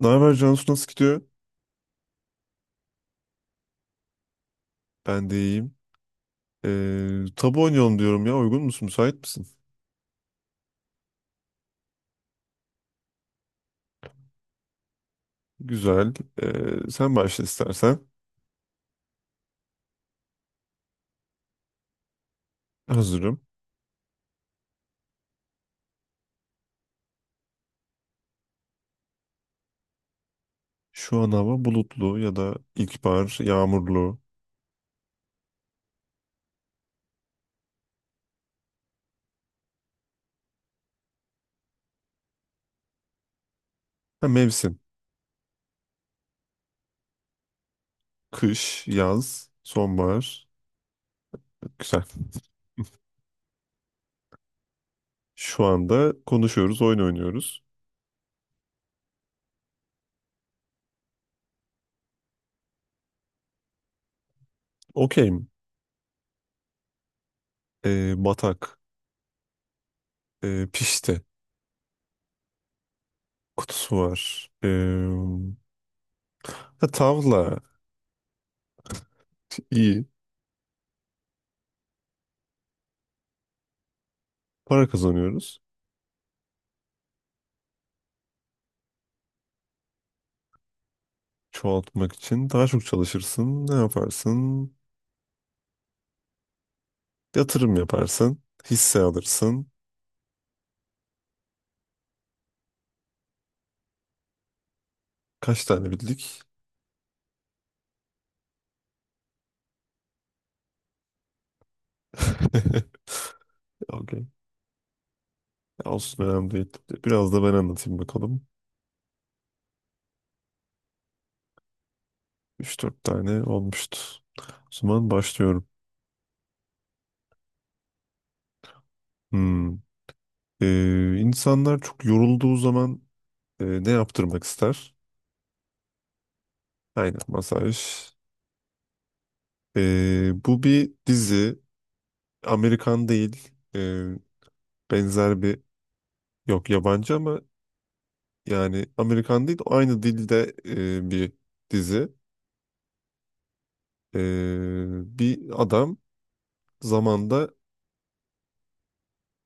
Ne haber Cansu, nasıl gidiyor? Ben de iyiyim. Tabu oynayalım diyorum ya. Uygun musun? Müsait misin? Güzel. Sen başla istersen. Hazırım. Şu an hava bulutlu ya da ilkbahar, yağmurlu. Ha, mevsim. Kış, yaz, sonbahar. Güzel. Şu anda konuşuyoruz, oyun oynuyoruz. Okeyim. Batak. Pişti. Kutusu var. Ha, tavla. İyi. Para kazanıyoruz. Çoğaltmak için daha çok çalışırsın. Ne yaparsın? Yatırım yaparsın. Hisse alırsın. Kaç tane bildik? Okey. Olsun, önemli değil. Biraz da ben anlatayım bakalım. Üç dört tane olmuştu. O zaman başlıyorum. Hmm. İnsanlar çok yorulduğu zaman ne yaptırmak ister? Aynen, masaj. Bu bir dizi. Amerikan değil. Benzer bir yok, yabancı ama yani Amerikan değil, aynı dilde bir dizi. E, Bir adam zamanda,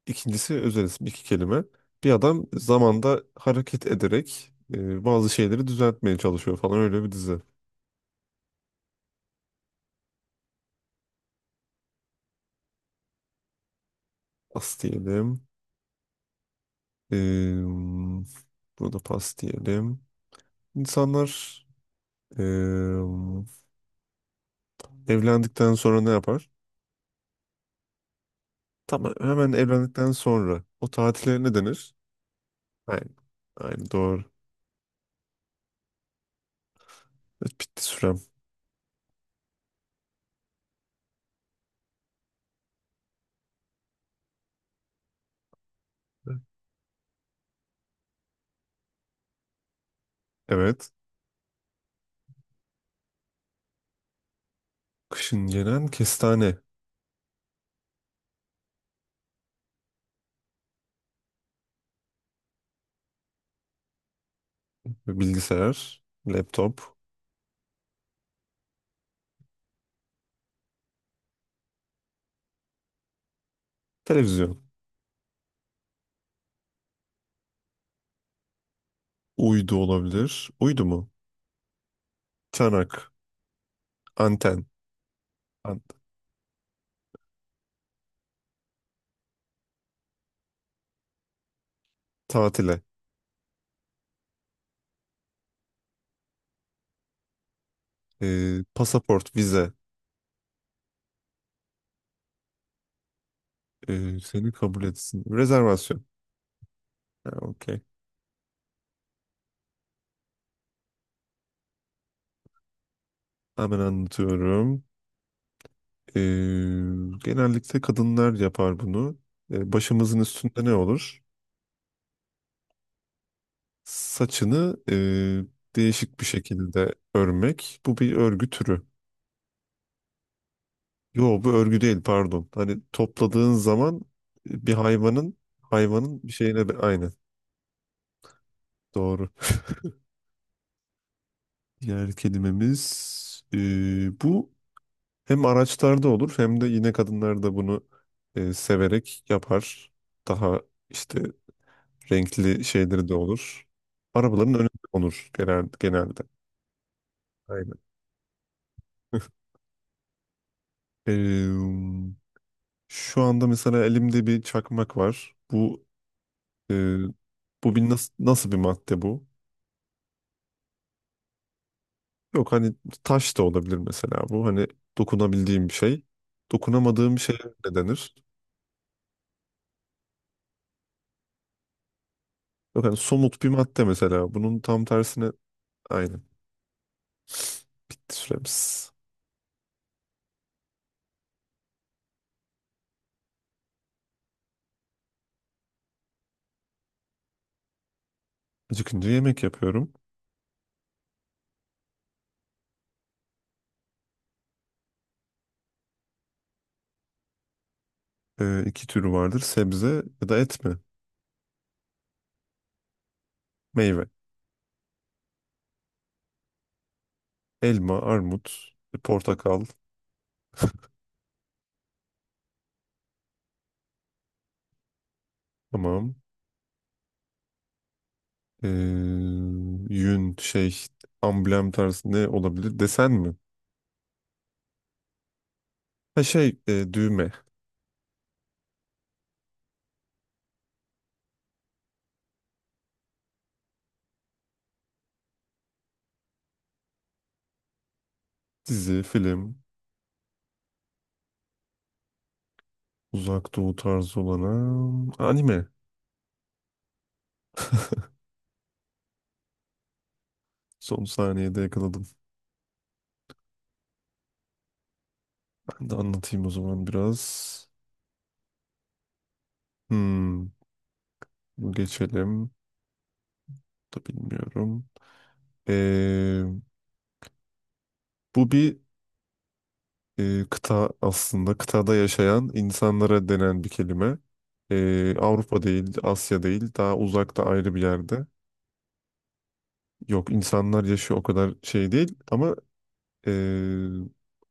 ikincisi özel isim, iki kelime. Bir adam zamanda hareket ederek bazı şeyleri düzeltmeye çalışıyor falan, öyle bir dizi. Pas diyelim. E, Burada pas diyelim. İnsanlar e, evlendikten sonra ne yapar? Tamam, hemen evlendikten sonra o tatile ne denir? Aynen, aynen doğru. Evet, bitti sürem. Evet. Kışın gelen kestane. Bilgisayar, laptop, televizyon. Uydu olabilir. Uydu mu? Çanak, anten, an- tatile, pasaport, vize, seni kabul etsin. Rezervasyon. Ha, okey. Hemen anlatıyorum. E, Genellikle kadınlar yapar bunu. Başımızın üstünde ne olur? Saçını değişik bir şekilde örmek. Bu bir örgü türü. Yo, bu örgü değil, pardon. Hani topladığın zaman bir hayvanın bir şeyine aynı. Doğru. Diğer kelimemiz bu hem araçlarda olur hem de yine kadınlar da bunu severek yapar. Daha işte renkli şeyleri de olur. Arabaların önünde olur genel, genelde. Aynen. Eee, Şu anda mesela elimde bir çakmak var. Bu eee, bu bir nasıl, nasıl bir madde bu? Yok hani taş da olabilir mesela bu. Hani dokunabildiğim bir şey. Dokunamadığım bir şeye ne denir? Yok hani somut bir madde mesela. Bunun tam tersine, aynen. Bitti süremiz. Acıkınca yemek yapıyorum. İki türü vardır. Sebze ya da et mi? Meyve. Elma, armut, portakal. Tamam. Ee, Yün şey, amblem tarzı ne olabilir? Desen mi? Ha şey düğme. Dizi, film, uzak doğu tarzı olana anime. Son saniyede yakaladım. Ben de anlatayım o zaman biraz. Hmm, bu geçelim. Bu da bilmiyorum. Ee, Bu bir kıta aslında. Kıtada yaşayan insanlara denen bir kelime. Avrupa değil, Asya değil. Daha uzakta ayrı bir yerde. Yok, insanlar yaşıyor, o kadar şey değil. Ama e,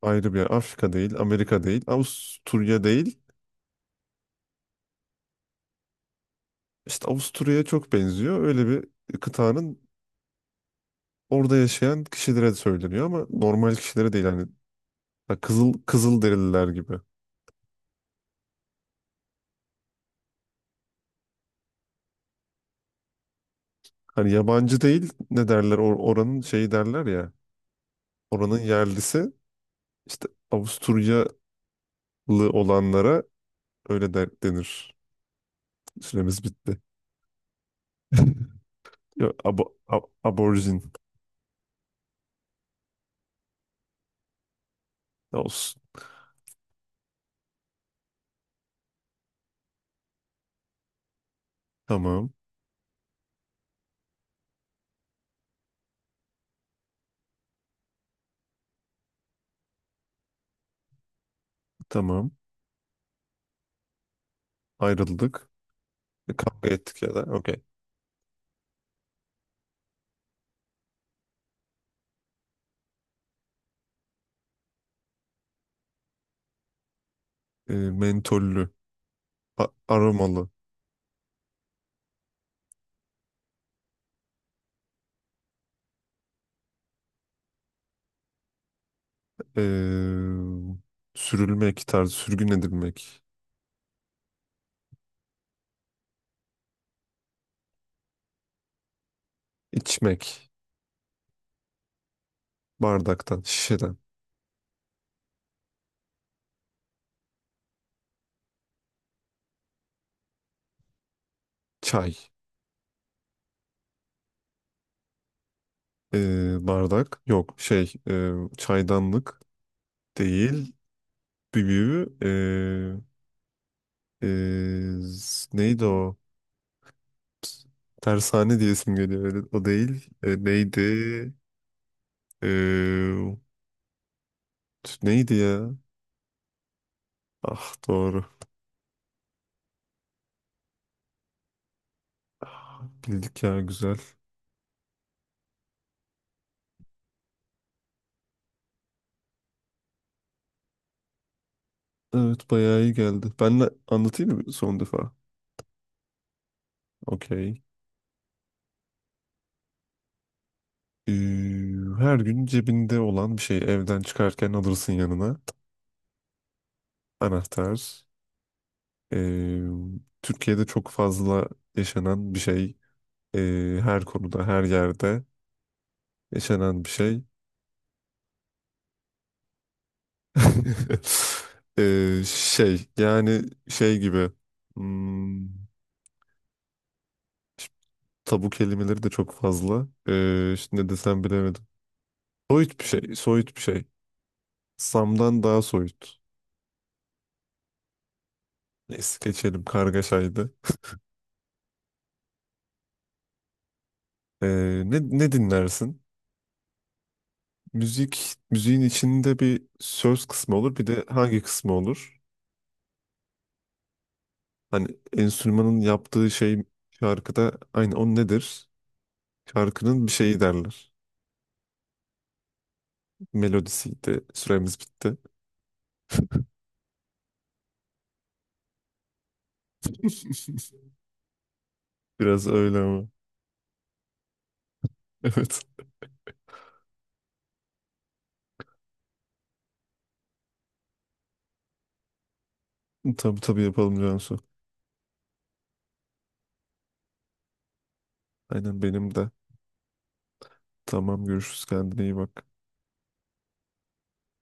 ayrı bir yer. Afrika değil, Amerika değil, Avusturya değil. İşte Avusturya'ya çok benziyor. Öyle bir kıtanın orada yaşayan kişilere de söyleniyor ama normal kişilere değil, hani ha, kızıl kızıl derililer gibi. Hani yabancı değil, ne derler oranın şeyi derler ya. Oranın yerlisi, işte Avusturyalı olanlara öyle denir. Süremiz bitti. Yok, aborjin. Olsun. Tamam. Tamam. Ayrıldık. Kavga ettik ya da. Okey. Mentollü. Aromalı. E, Sürülmek tarzı. Sürgün edilmek. İçmek. Bardaktan, şişeden. Çay. Bardak. Yok şey çaydanlık değil. Büyüğü e, neydi o? Tersane diye isim geliyor. O değil. Neydi? E, Neydi ya? Ah, doğru. Ah, bildik ya, güzel. Evet, bayağı iyi geldi. Ben de anlatayım mı son defa? Okey. Ee, Her gün cebinde olan bir şey, evden çıkarken alırsın yanına. Anahtar. Ee, Türkiye'de çok fazla yaşanan bir şey. Her konuda, her yerde yaşanan bir şey. Şey, yani şey gibi. Hmm, işte tabu kelimeleri de çok fazla. Şimdi ne desem bilemedim. Soyut bir şey, soyut bir şey. Sam'dan daha soyut. Neyse geçelim, kargaşaydı. Ee, ne dinlersin? Müzik, müziğin içinde bir söz kısmı olur, bir de hangi kısmı olur? Hani enstrümanın yaptığı şey, şarkıda aynı, o nedir? Şarkının bir şeyi derler. Melodisiydi. Süremiz bitti. Biraz öyle ama. Evet. Tabii tabii, yapalım Cansu. Aynen, benim de. Tamam, görüşürüz, kendine iyi bak.